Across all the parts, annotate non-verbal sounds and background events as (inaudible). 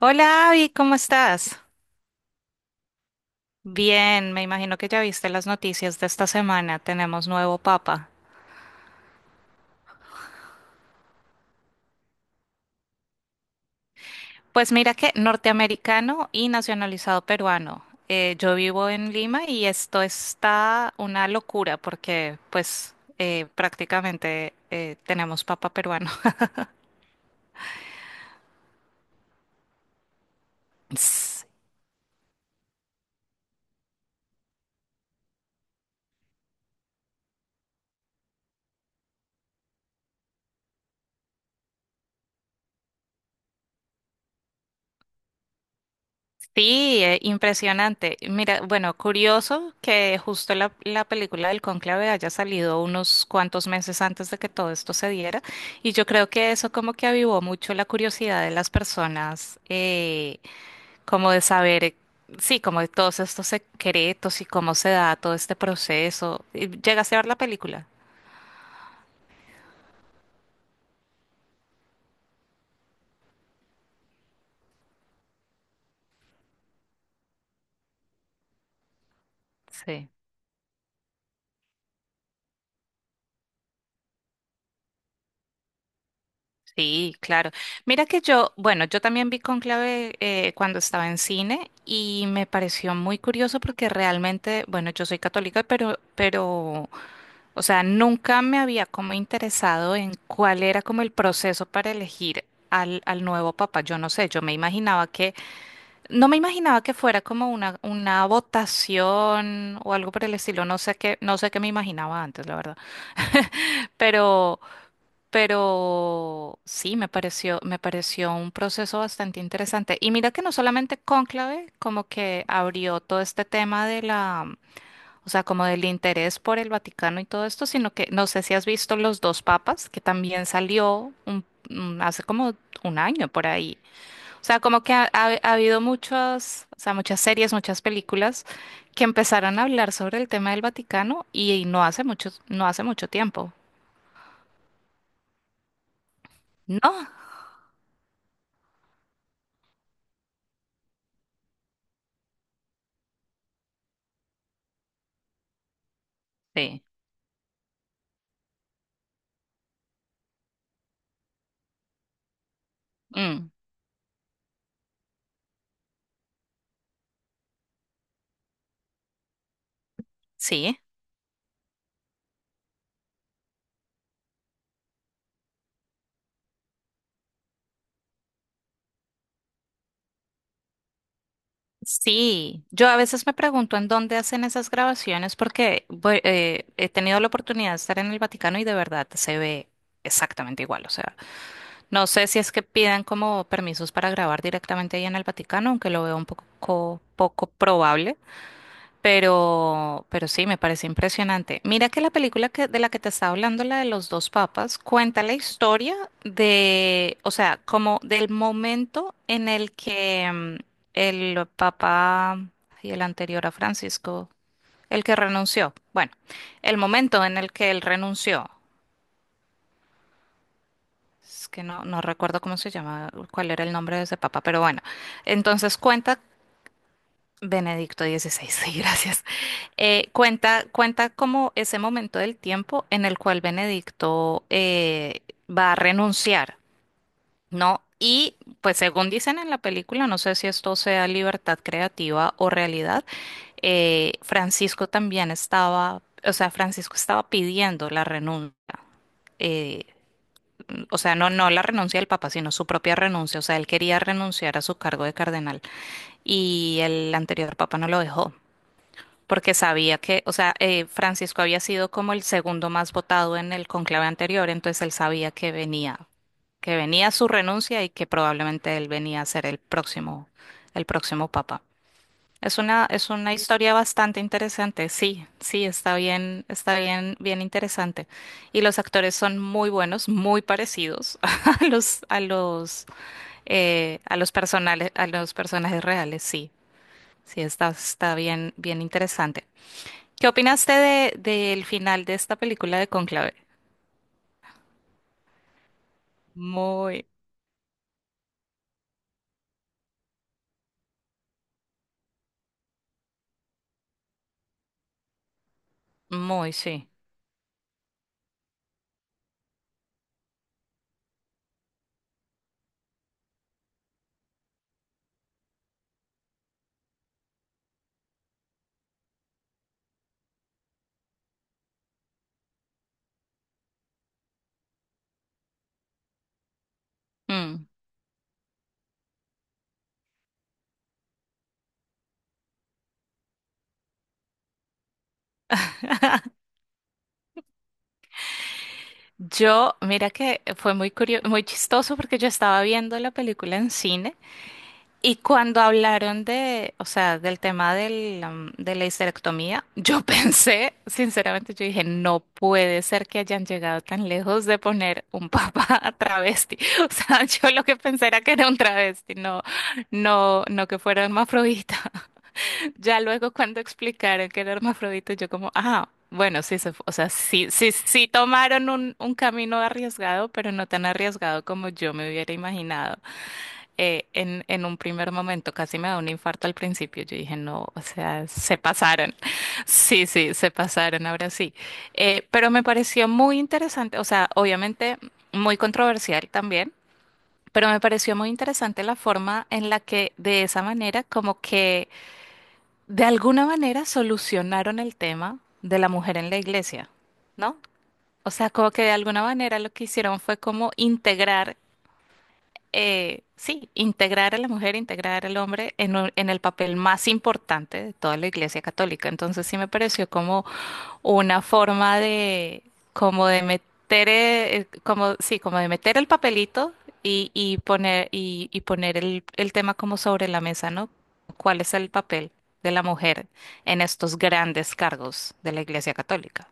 Hola, Abby, ¿cómo estás? Bien, me imagino que ya viste las noticias de esta semana. Tenemos nuevo papa. Pues mira que norteamericano y nacionalizado peruano. Yo vivo en Lima y esto está una locura porque pues prácticamente tenemos papa peruano. (laughs) Sí, impresionante. Mira, bueno, curioso que justo la película del Cónclave haya salido unos cuantos meses antes de que todo esto se diera, y yo creo que eso como que avivó mucho la curiosidad de las personas, como de saber, sí, como de todos estos secretos y cómo se da todo este proceso. ¿Llegaste a ver la película? Sí. Sí, claro. Mira que yo, bueno, yo también vi Cónclave cuando estaba en cine y me pareció muy curioso porque realmente, bueno, yo soy católica, pero, o sea, nunca me había como interesado en cuál era como el proceso para elegir al nuevo papa. Yo no sé, yo me imaginaba no me imaginaba que fuera como una votación o algo por el estilo. No sé qué me imaginaba antes, la verdad. (laughs) Pero pero sí, me pareció un proceso bastante interesante. Y mira que no solamente Cónclave, como que abrió todo este tema de la, o sea, como del interés por el Vaticano y todo esto, sino que no sé si has visto Los dos papas, que también hace como un año por ahí. O sea, como que ha habido muchas, o sea, muchas series, muchas películas que empezaron a hablar sobre el tema del Vaticano y, no hace mucho tiempo. ¿No? Sí. Sí, sí. Yo a veces me pregunto en dónde hacen esas grabaciones porque he tenido la oportunidad de estar en el Vaticano y de verdad se ve exactamente igual. O sea, no sé si es que pidan como permisos para grabar directamente ahí en el Vaticano, aunque lo veo un poco, poco probable, pero sí, me parece impresionante. Mira que la película de la que te estaba hablando, la de los dos papas, cuenta la historia de, o sea, como del momento en el que el papa y el anterior a Francisco, el que renunció. Bueno, el momento en el que él renunció. Es que no, no recuerdo cómo se llama, cuál era el nombre de ese papa, pero bueno. Entonces cuenta Benedicto XVI, (laughs) sí, gracias. Cuenta como ese momento del tiempo en el cual Benedicto va a renunciar, ¿no? Y pues según dicen en la película, no sé si esto sea libertad creativa o realidad, Francisco también estaba, o sea, Francisco estaba pidiendo la renuncia. eh, o sea, no la renuncia del Papa, sino su propia renuncia. O sea, él quería renunciar a su cargo de cardenal y el anterior Papa no lo dejó porque sabía que, o sea, Francisco había sido como el segundo más votado en el conclave anterior, entonces él sabía que venía su renuncia y que probablemente él venía a ser el próximo papa. Es una historia bastante interesante, sí, sí, está bien, bien interesante. Y los actores son muy buenos, muy parecidos (laughs) a a los, a los personajes reales, sí, sí, está, está bien, bien interesante. ¿Qué opinaste de, del final de esta película de Conclave? Muy, muy, sí. Mm. Yo, mira que fue muy curioso, muy chistoso porque yo estaba viendo la película en cine y cuando hablaron de, o sea, del tema de la histerectomía, yo (laughs) pensé, sinceramente, yo dije, no puede ser que hayan llegado tan lejos de poner un papá (laughs) travesti. O sea, (laughs) yo lo que pensé era que era un travesti, no, no que fuera hermafrodita. Ya luego cuando explicaron que era hermafrodita, yo como, ah, bueno, sí, o sea, sí, sí, sí tomaron un camino arriesgado, pero no tan arriesgado como yo me hubiera imaginado. En un primer momento casi me da un infarto al principio. Yo dije, no, o sea, se pasaron. (laughs) Sí, sí, se pasaron, ahora sí. Pero me pareció muy interesante, o sea, obviamente muy controversial también. Pero me pareció muy interesante la forma en la que de esa manera como que de alguna manera solucionaron el tema de la mujer en la iglesia, ¿no? O sea, como que de alguna manera lo que hicieron fue como integrar sí, integrar a la mujer, integrar al hombre en, en el papel más importante de toda la Iglesia Católica. Entonces sí me pareció como una forma de, como de meter, sí, como de meter el papelito y poner el tema como sobre la mesa, ¿no? ¿Cuál es el papel de la mujer en estos grandes cargos de la Iglesia Católica?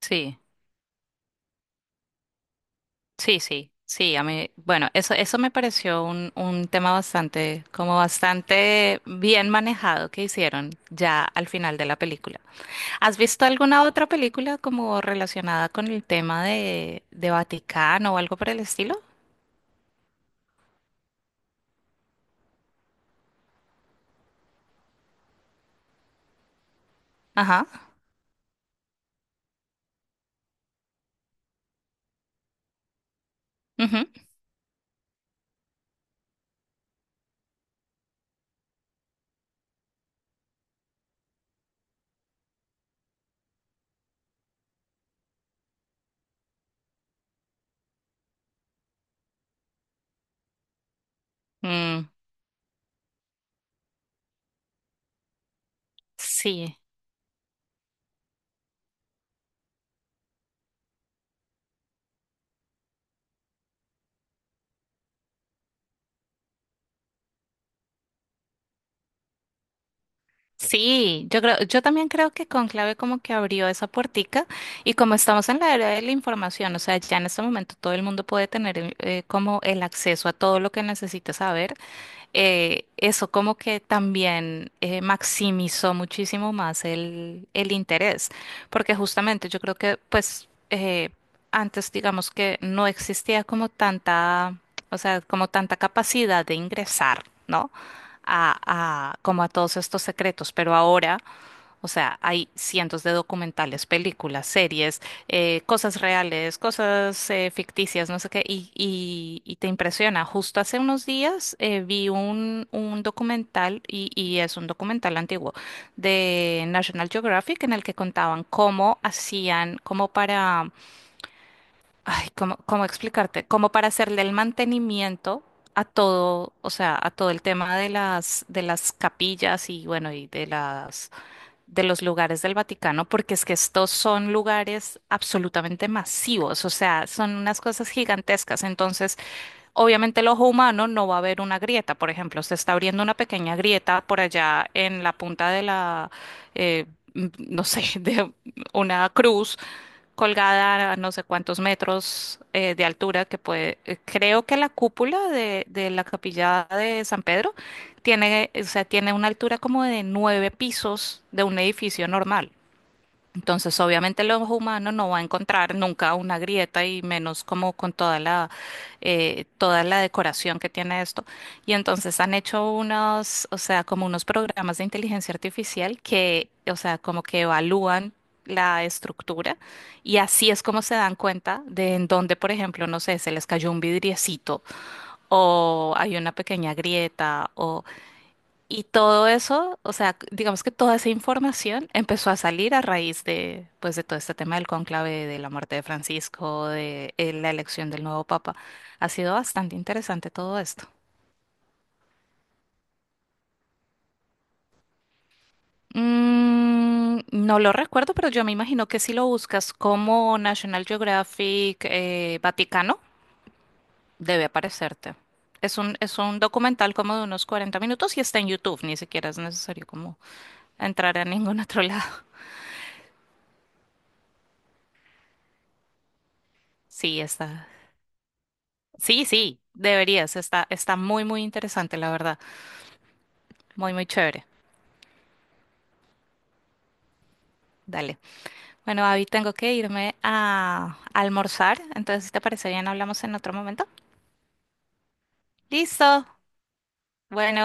Sí. Sí, sí, sí, a mí, bueno, eso me pareció un tema bastante, como bastante bien manejado que hicieron ya al final de la película. ¿Has visto alguna otra película como relacionada con el tema de Vaticano o algo por el estilo? Ajá. Ujú, mm, sí. Sí, yo creo, yo también creo que Conclave como que abrió esa puertica y como estamos en la era de la información, o sea, ya en este momento todo el mundo puede tener como el acceso a todo lo que necesita saber, eso como que también maximizó muchísimo más el interés, porque justamente yo creo que pues antes digamos que no existía como tanta, o sea, como tanta capacidad de ingresar, ¿no? Como a todos estos secretos, pero ahora, o sea, hay cientos de documentales, películas, series, cosas reales, cosas ficticias, no sé qué, y te impresiona. Justo hace unos días un documental, y es un documental antiguo, de National Geographic, en el que contaban cómo hacían, como para Ay, ¿cómo, cómo explicarte? Como para hacerle el mantenimiento a todo, o sea, a todo el tema de de las capillas y bueno, de los lugares del Vaticano, porque es que estos son lugares absolutamente masivos, o sea, son unas cosas gigantescas. Entonces, obviamente el ojo humano no va a ver una grieta, por ejemplo, se está abriendo una pequeña grieta por allá en la punta de la, eh, no sé, (laughs) de una cruz colgada a no sé cuántos metros de altura que puede, creo que la cúpula de la capilla de San Pedro tiene, o sea, tiene una altura como de nueve pisos de un edificio normal. Entonces, obviamente los humanos no va a encontrar nunca una grieta y menos como con toda la decoración que tiene esto. Y entonces han hecho unos, o sea, como unos programas de inteligencia artificial que, o sea, como que evalúan la estructura y así es como se dan cuenta de en dónde, por ejemplo, no sé, se les cayó un vidriecito o hay una pequeña grieta o... Y todo eso, o sea, digamos que toda esa información empezó a salir a raíz de, pues, de todo este tema del cónclave, de la muerte de Francisco, de la elección del nuevo papa. Ha sido bastante interesante todo esto. Mm, no lo recuerdo, pero yo me imagino que si lo buscas como National Geographic Vaticano, debe aparecerte. Es un documental como de unos 40 minutos y está en YouTube, ni siquiera es necesario como entrar a ningún (laughs) otro lado. Sí, está, sí, sí, deberías. Está, está muy, muy interesante, la verdad. Muy, muy chévere. Dale. Bueno, Abby, tengo que irme a almorzar. Entonces, si te parece bien, hablamos en otro momento. Listo. Bueno.